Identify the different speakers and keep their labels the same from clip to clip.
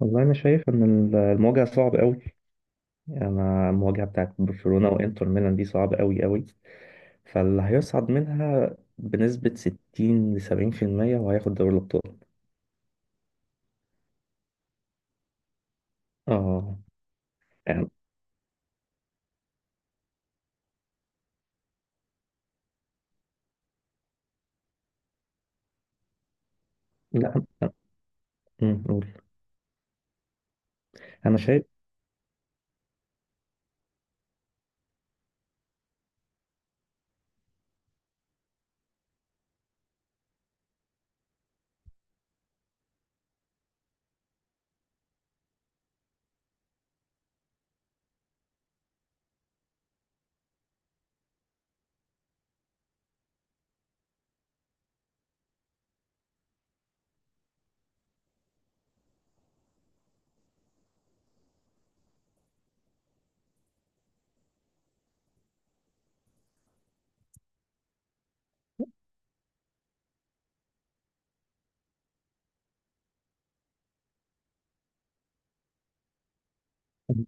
Speaker 1: والله أنا شايف إن المواجهة صعب أوي. أنا المواجهة بتاعت برشلونة وإنتر ميلان دي صعبة أوي أوي، فاللي هيصعد منها بنسبة 60-70% وهياخد دوري الأبطال. آه، يعني لا. قول. أنا شايف.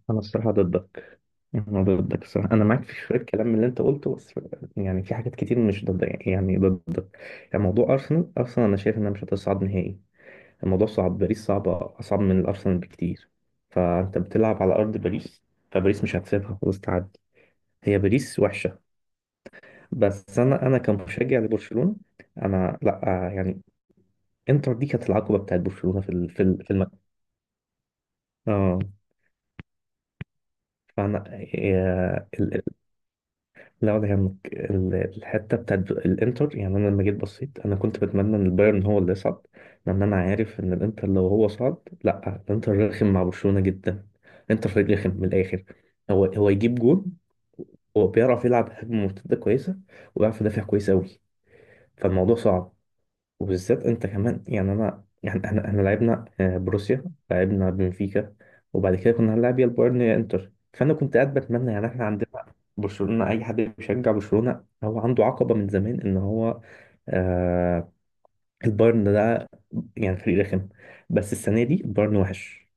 Speaker 1: أنا الصراحة ضدك، أنا ضدك الصراحة، أنا معاك في شوية كلام من اللي أنت قلته بس. يعني في حاجات كتير مش ضد يعني ضدك. يعني موضوع أرسنال أنا شايف إنها مش هتصعد نهائي. الموضوع صعب، باريس صعبة أصعب من الأرسنال بكتير. فأنت بتلعب على أرض باريس، فباريس مش هتسيبها خلاص تعدي. هي باريس وحشة. بس أنا كمشجع لبرشلونة، أنا لأ يعني إنتر دي كانت العقبة بتاعت برشلونة في ال- في ال- في الم... آه، فأنا لا ولا يهمك الحته بتاعت الانتر. يعني انا لما جيت بصيت انا كنت بتمنى ان البايرن هو اللي يصعد، لان انا عارف ان الانتر لو هو صعد، لا الانتر رخم مع برشلونه جدا. الانتر فريق رخم من الاخر، هو يجيب جون، هو بيعرف يلعب هجمه مرتده كويسه وبيعرف يدافع كويس قوي. فالموضوع صعب، وبالذات انت كمان. يعني انا يعني احنا لعبنا بروسيا، لعبنا بنفيكا، وبعد كده كنا هنلعب يا البايرن يا انتر، فانا كنت قاعد بتمنى. يعني احنا عندنا برشلونة، اي حد بيشجع برشلونة هو عنده عقبة من زمان ان هو، آه، البايرن ده يعني فريق رخم، بس السنة دي البايرن وحش.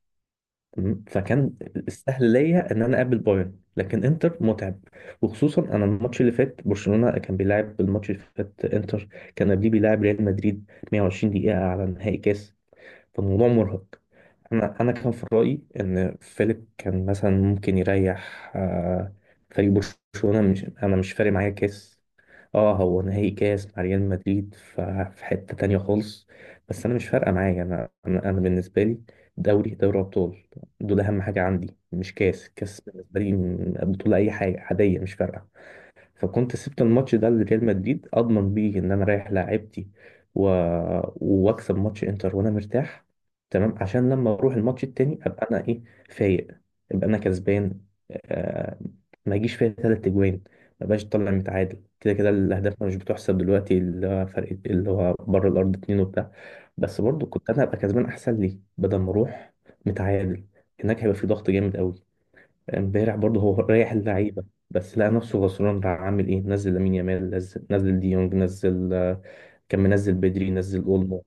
Speaker 1: تمام؟ فكان السهل ليا ان انا اقابل بايرن، لكن انتر متعب، وخصوصا انا الماتش اللي فات برشلونة كان بيلعب، الماتش اللي فات انتر كان قبليه بيلعب ريال مدريد 120 دقيقة على نهائي كاس. فالموضوع مرهق. انا كان في رايي ان فيليب كان مثلا ممكن يريح فريق برشلونه. مش انا مش فارق معايا كاس، اه هو نهائي كاس مع ريال مدريد في حته تانية خالص. بس انا مش فارقه معايا، انا بالنسبه لي دوري ابطال، دول اهم حاجه عندي. مش كاس، كاس بالنسبه لي بطوله اي حاجه عاديه مش فارقه. فكنت سبت الماتش ده لريال مدريد اضمن بيه ان انا رايح لاعبتي و... واكسب ماتش انتر وانا مرتاح، تمام؟ عشان لما اروح الماتش التاني ابقى انا ايه، فايق، ابقى انا كسبان. آه... ما يجيش فيا 3 اجوان، ما بقاش طالع متعادل، كده كده الاهداف مش بتحسب دلوقتي، اللي هو فرق اللي هو بره الارض اتنين وبتاع. بس برضو كنت انا ابقى كسبان احسن لي بدل ما اروح متعادل، هناك هيبقى في ضغط جامد قوي. امبارح برضه هو ريح اللعيبه، بس لقى نفسه غصران بقى. عامل ايه؟ نزل لامين يامال، نزل ديونج، نزل كان منزل بدري، نزل اولمو.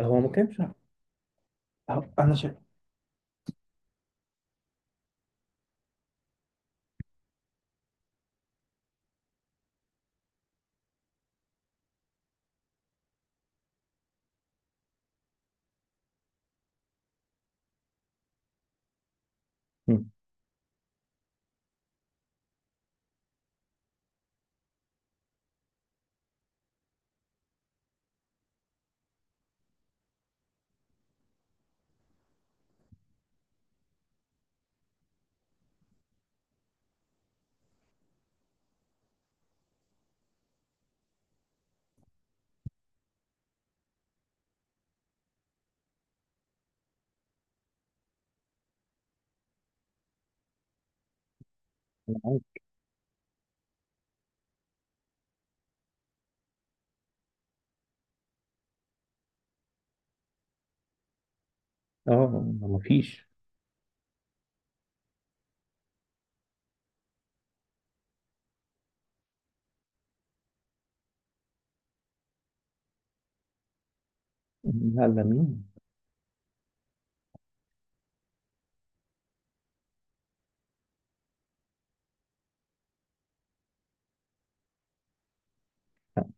Speaker 1: هو ما كانش. انا شايف. مم. أنا عارف. اه ما فيش. لا لامين،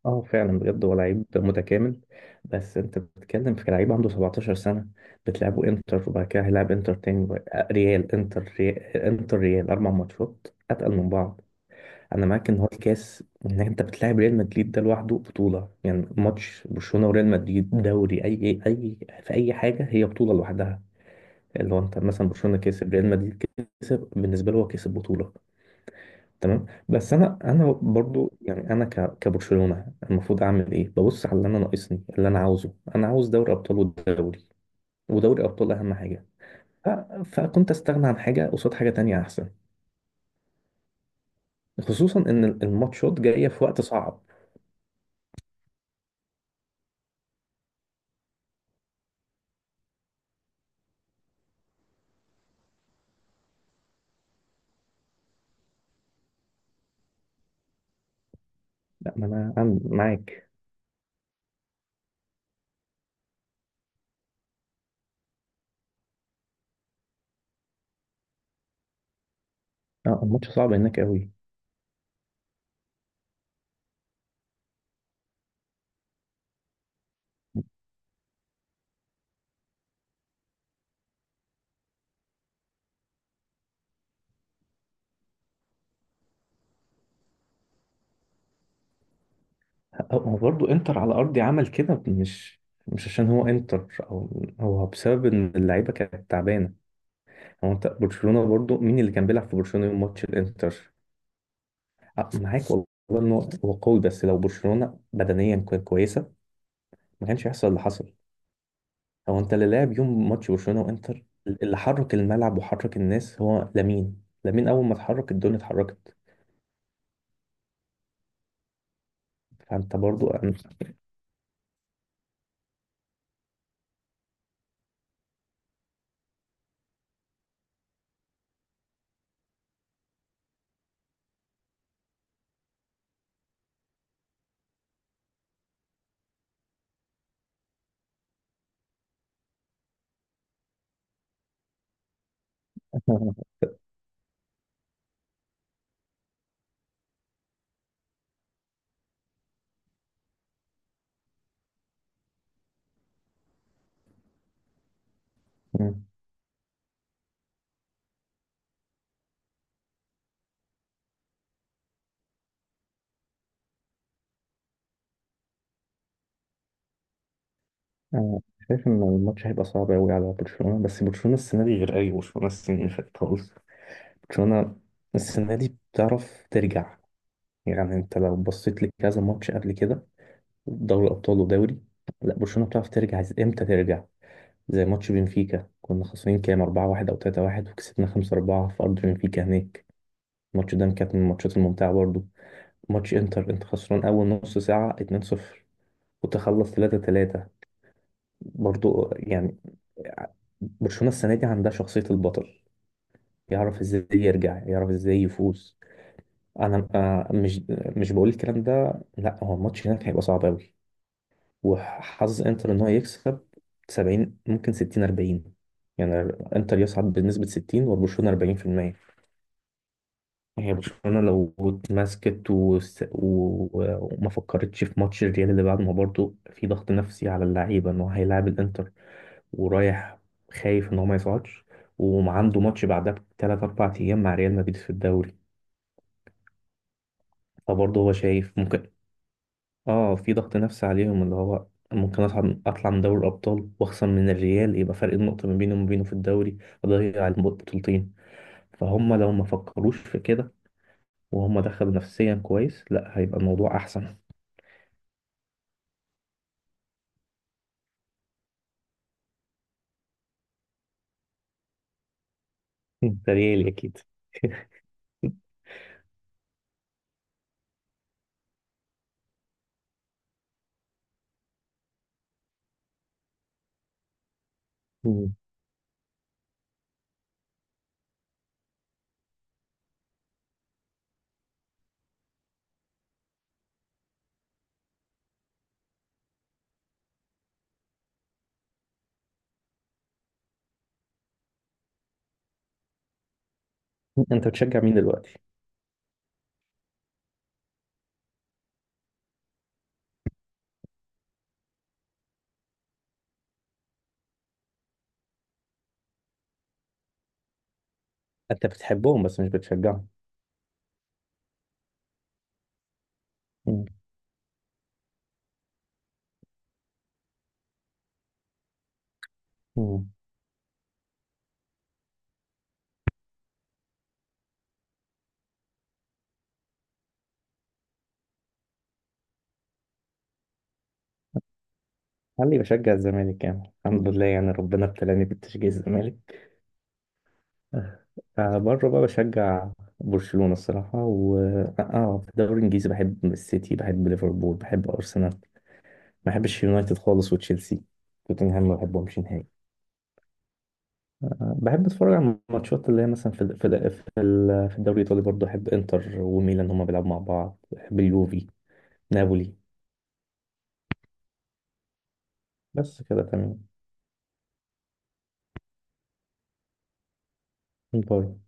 Speaker 1: اه فعلا بجد هو لعيب متكامل. بس انت بتتكلم في لعيب عنده 17 سنه، بتلعبه انتر وبعد كده هيلعب انتر تاني ريال، انتر ريال، انتر ريال، 4 ماتشات اتقل من بعض. انا معاك ان هو الكاس ان انت بتلاعب ريال مدريد ده لوحده بطوله. يعني ماتش برشلونه وريال مدريد دوري اي في اي حاجه هي بطوله لوحدها. اللي هو انت مثلا برشلونه كسب ريال مدريد، كسب، بالنسبه له هو كسب بطوله، تمام؟ بس انا برضو يعني انا كبرشلونه المفروض اعمل ايه؟ ببص على اللي انا ناقصني، اللي انا عاوزه، انا عاوز دوري ابطال والدوري، ودوري ابطال اهم حاجه. ف- فكنت استغنى عن حاجه قصاد حاجه تانية احسن، خصوصا ان الماتشات جايه في وقت صعب. لا ما انا معاك. اه الماتش صعب هناك قوي. هو برضه انتر على ارضي عمل كده، مش عشان هو انتر، او هو بسبب ان اللعيبه كانت تعبانه. هو انت برشلونه برضه، مين اللي كان بيلعب في برشلونه يوم ماتش الانتر؟ معاك والله ان هو قوي، بس لو برشلونه بدنيا كويسه ما كانش هيحصل اللي حصل. هو انت اللي لعب يوم ماتش برشلونه وانتر، اللي حرك الملعب وحرك الناس هو لامين. لامين اول ما اتحرك الدنيا اتحركت. فانت برضه. أنا شايف إن الماتش هيبقى صعب أوي على برشلونة، بس برشلونة السنة دي غير أي برشلونة السنة اللي فاتت خالص. برشلونة السنة دي بتعرف ترجع. يعني أنت لو بصيت لكذا ماتش قبل كده، دوري أبطال ودوري، لا برشلونة بتعرف ترجع عايز إمتى ترجع. زي ماتش بنفيكا، كنا خسرانين كام 4-1 أو 3-1، وكسبنا 5-4 في أرض بنفيكا هناك. الماتش ده كانت من الماتشات الممتعة برضه. ماتش إنتر، أنت خسران أول نص ساعة 2-0 وتخلص 3-3، برضو يعني. برشلونة السنة دي عندها شخصية البطل، يعرف ازاي يرجع، يعرف ازاي يفوز. انا مش بقول الكلام ده، لا هو الماتش هناك هيبقى صعب قوي، وحظ انتر ان هو يكسب 70، ممكن 60 40 يعني، انتر يصعد بنسبة 60 وبرشلونة 40%. هي برشلونة لو اتمسكت وما فكرتش في ماتش الريال اللي بعد، ما برضه في ضغط نفسي على اللعيبة ان هو هيلاعب الانتر ورايح خايف ان هو ما يصعدش، وعنده ماتش بعدها بـ3 او 4 ايام مع ريال مدريد في الدوري. فبرضه هو شايف ممكن، اه في ضغط نفسي عليهم اللي هو، ممكن اصعد اطلع من دوري الابطال واخسر من الريال، يبقى فرق النقطه ما بيني وما بينه في الدوري، اضيع البطولتين. فهم لو ما فكروش في كده وهم دخلوا نفسيا كويس، لا هيبقى الموضوع احسن. ده ريالي اكيد. مم. انت بتشجع مين دلوقتي؟ انت بتحبهم بس مش بتشجعهم؟ مم. مم. خلي بشجع الزمالك يعني، الحمد لله يعني، ربنا ابتلاني بتشجيع الزمالك. فبره بقى بشجع برشلونة الصراحة، و اه، آه، في الدوري الانجليزي بحب السيتي، بحب ليفربول، بحب ارسنال. ما بحبش يونايتد خالص، وتشيلسي توتنهام ما بحبهمش نهائي. بحب اتفرج على الماتشات اللي هي مثلا في الدوري الايطالي برضه، احب انتر وميلان هما بيلعبوا مع بعض، بحب اليوفي، نابولي. بس كده تمام. بره.